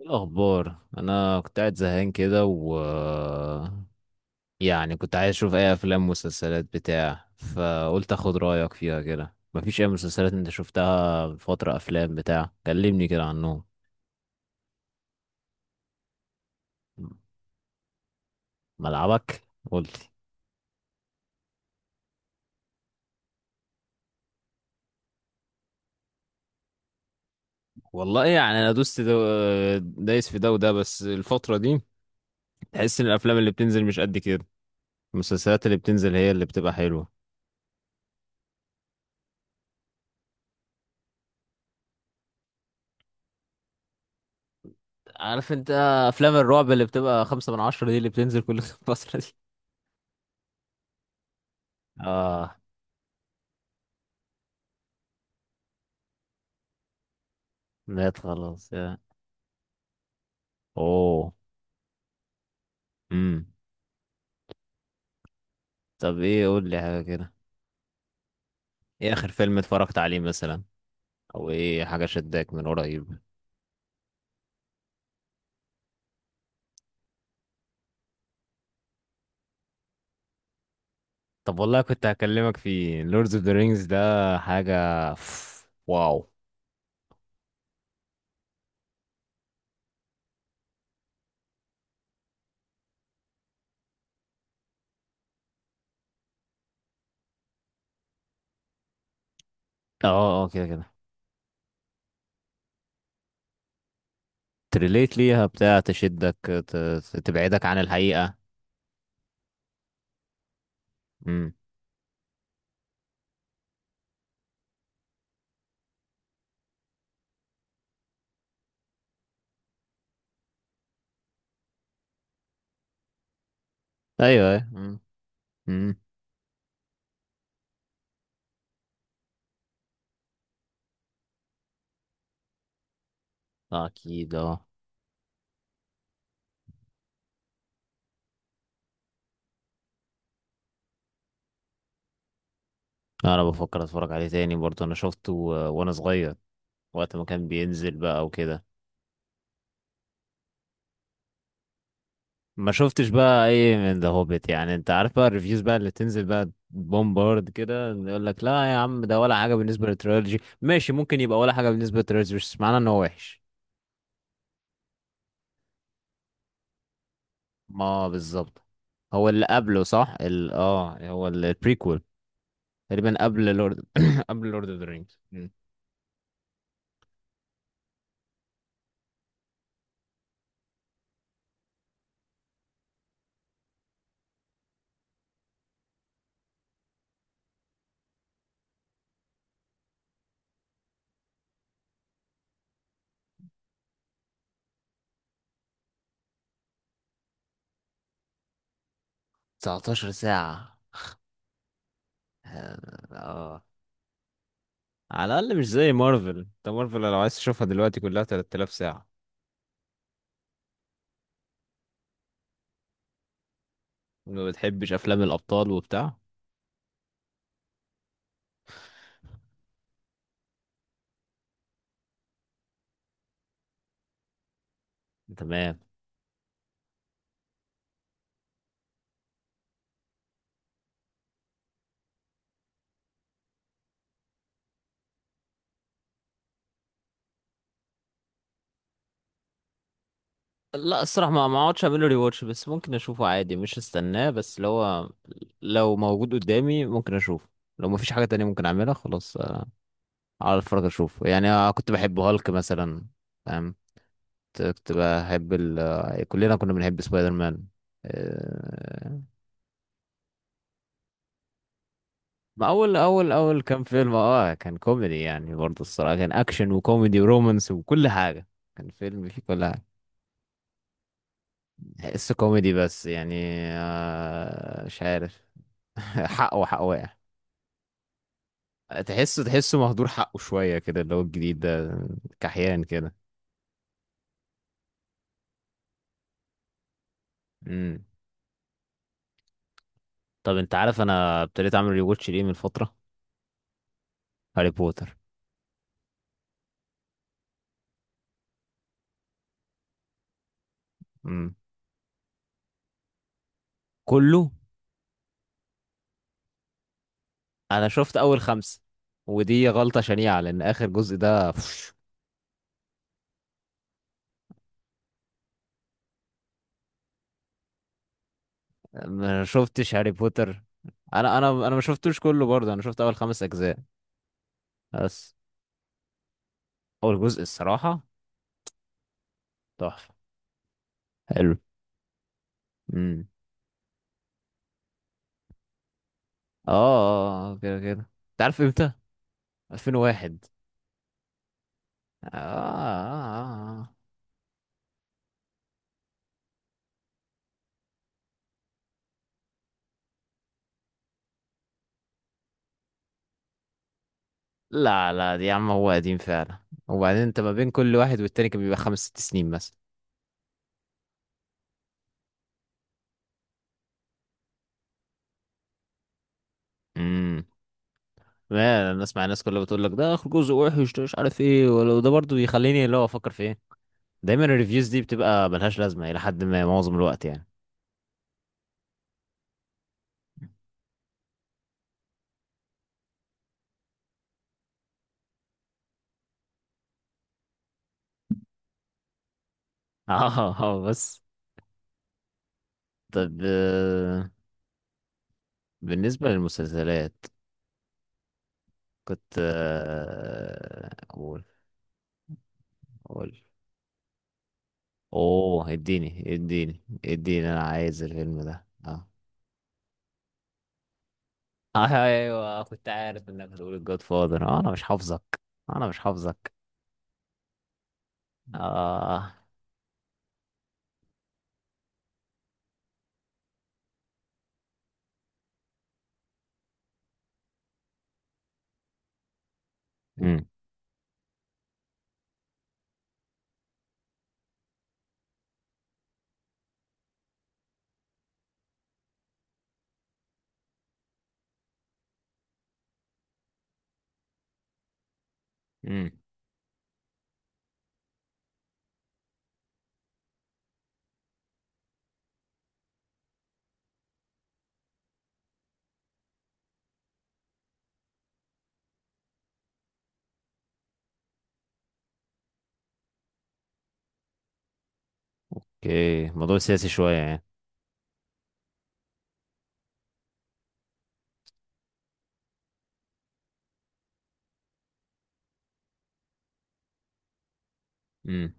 إيه الأخبار؟ أنا كنت قاعد زهقان كده و يعني كنت عايز أشوف أي أفلام ومسلسلات بتاع، فقلت أخد رأيك فيها كده. مفيش أي مسلسلات أنت شفتها الفترة؟ أفلام بتاع؟ كلمني كده عنهم. ملعبك. قلت. والله يعني أنا دوست دايس في ده وده، بس الفترة دي تحس إن الأفلام اللي بتنزل مش قد كده. المسلسلات اللي بتنزل هي اللي بتبقى حلوة. عارف انت؟ افلام الرعب اللي بتبقى خمسة من عشرة دي اللي بتنزل كل فترة دي. اه. مات خلاص يا... اوه. امم طب ايه؟ قول لي حاجه كده. ايه اخر فيلم اتفرجت عليه مثلا، او ايه حاجه شداك من قريب؟ طب والله كنت هكلمك في لوردز اوف ذا رينجز ده. حاجه. واو. اه اه، كده كده. تريليت ليها بتاع تشدك تبعدك عن الحقيقه. امم ايوه، ايوه. امم اكيد اه. انا بفكر اتفرج عليه تاني برضه. انا شفته وانا صغير، وقت ما كان بينزل بقى وكده. ما شفتش بقى اي من ذا هوبيت، يعني انت عارف بقى الريفيوز بقى اللي تنزل بقى بومبارد كده، يقول لك لا يا عم، ده ولا حاجه بالنسبه للتريلوجي. ماشي، ممكن يبقى ولا حاجه بالنسبه للتريلوجي، بس معناه ان هو وحش. ما بالظبط. هو اللي قبله صح، ال اه هو البريكول. تقريبا قبل لورد قبل لورد اوف ذا رينجز. 19 ساعه. اه، آه. على الاقل مش زي مارفل. انت مارفل لو عايز تشوفها دلوقتي كلها 3000 ساعه. ما بتحبش افلام الابطال وبتاع؟ تمام. لا، الصراحة ما اقعدش اعمله ري واتش، بس ممكن اشوفه عادي، مش استناه. بس اللي هو لو موجود قدامي ممكن اشوفه. لو مفيش حاجة تانية ممكن اعملها خلاص. على الفرق اشوفه يعني. كنت بحب هالك مثلا. فاهم. كنت بحب ال... آه، كلنا كنا بنحب سبايدر مان. آه، ما اول كام فيلم، كان كوميدي يعني برضه، الصراحة كان اكشن وكوميدي ورومانس وكل حاجة. كان فيلم فيه كل حاجة، تحسه كوميدي بس يعني. مش عارف. حقه حق واقع. تحسه مهدور حقه شوية كده، اللي هو الجديد ده. كحيان كده. امم طب انت عارف انا ابتديت اعمل ريواتش ليه من فترة؟ هاري بوتر. امم كله. انا شفت اول خمسة، ودي غلطة شنيعة لان اخر جزء ده بوش. ما شفتش هاري بوتر. انا ما شفتوش كله، برضه انا شفت اول خمس اجزاء بس. اول جزء الصراحة تحفة. حلو. امم اه. آه، آه، كده كده. انت عارف امتى؟ 2001. آه آه آه. آه، آه. لا لا دي يا عم، هو قديم فعلا. وبعدين انت ما بين كل واحد والتاني كان بيبقى خمس ست سنين مثلا. امم ما انا اسمع الناس كلها بتقول لك ده اخر جزء وحش، ده مش عارف ايه، ولو ده برضو يخليني اللي هو افكر في ايه. دايما الريفيوز دي بتبقى ملهاش لازمه الى حد ما معظم الوقت يعني. اه اه بس. طب بالنسبه للمسلسلات كنت اقول. اقول. اوه اديني اديني اديني، انا عايز الفيلم ده اه. ايوه، كنت عارف انك هتقول الجود فاذر. انا مش حافظك. انا مش حافظك. اه. امم امم اوكي. موضوع سياسي شويه يعني. امم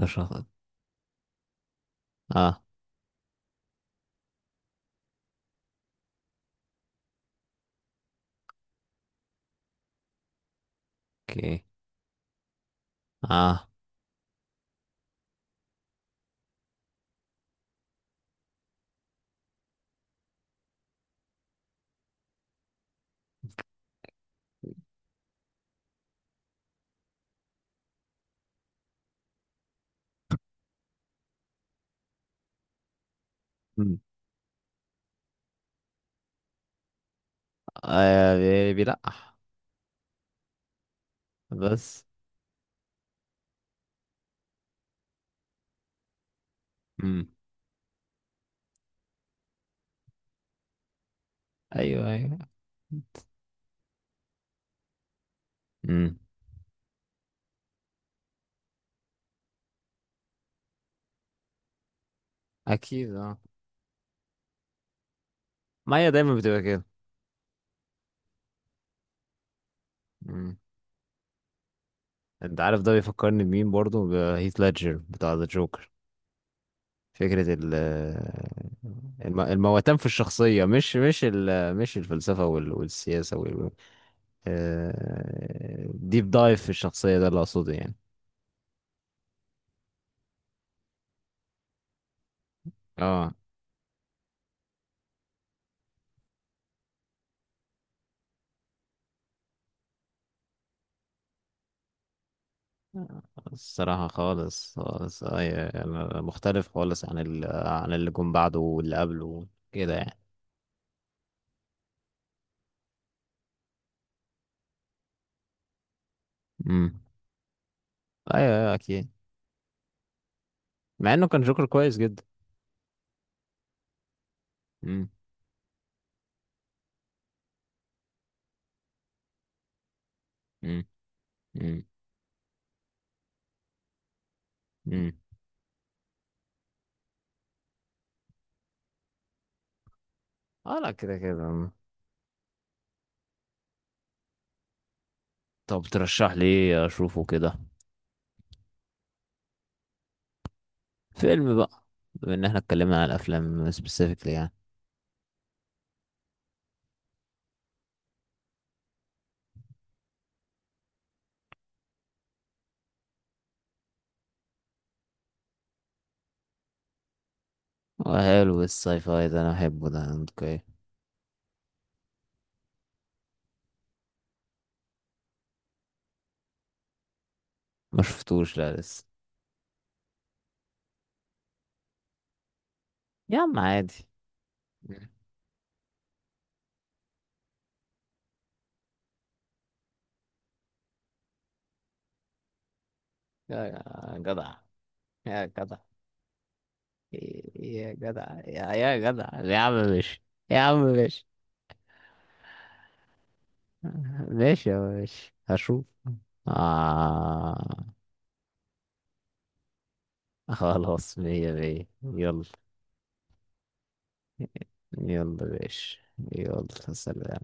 كشخص. اه. اوكي. اه. مم. بيلقح. بس. امم ايوه، ايوه. امم اكيد اه. ما هي دايما بتبقى كده. امم انت عارف ده بيفكرني بمين برضه؟ بهيث ليدجر بتاع ذا جوكر. فكرة المواتان في الشخصية، مش الفلسفة والسياسة وال ديب دايف في الشخصية، ده اللي أقصده يعني. اه، الصراحة خالص خالص، أيوة أنا مختلف خالص عن ال عن اللي جم بعده واللي قبله كده يعني. امم أيوة أيوة أكيد. مع إنه كان جوكر كويس جدا. امم امم امم امم. اه لا كده كده. طب ترشح لي إيه أشوفه كده؟ فيلم بقى، بما ان احنا اتكلمنا عن الافلام سبيسيفيكلي يعني. هو حلو الساي فاي ده، انا بحبه ده. اوكي. ما شفتوش لا لسه. يا عم عادي. يا يا جدع يا جدع يا جدع. يا يا جدع يا عم ماشي. يا عم ماشي. ماشي يا عم ماشي. هشوف. آه. خلاص، مية مية، يلا. يلا، ماشي. يلا. سلام.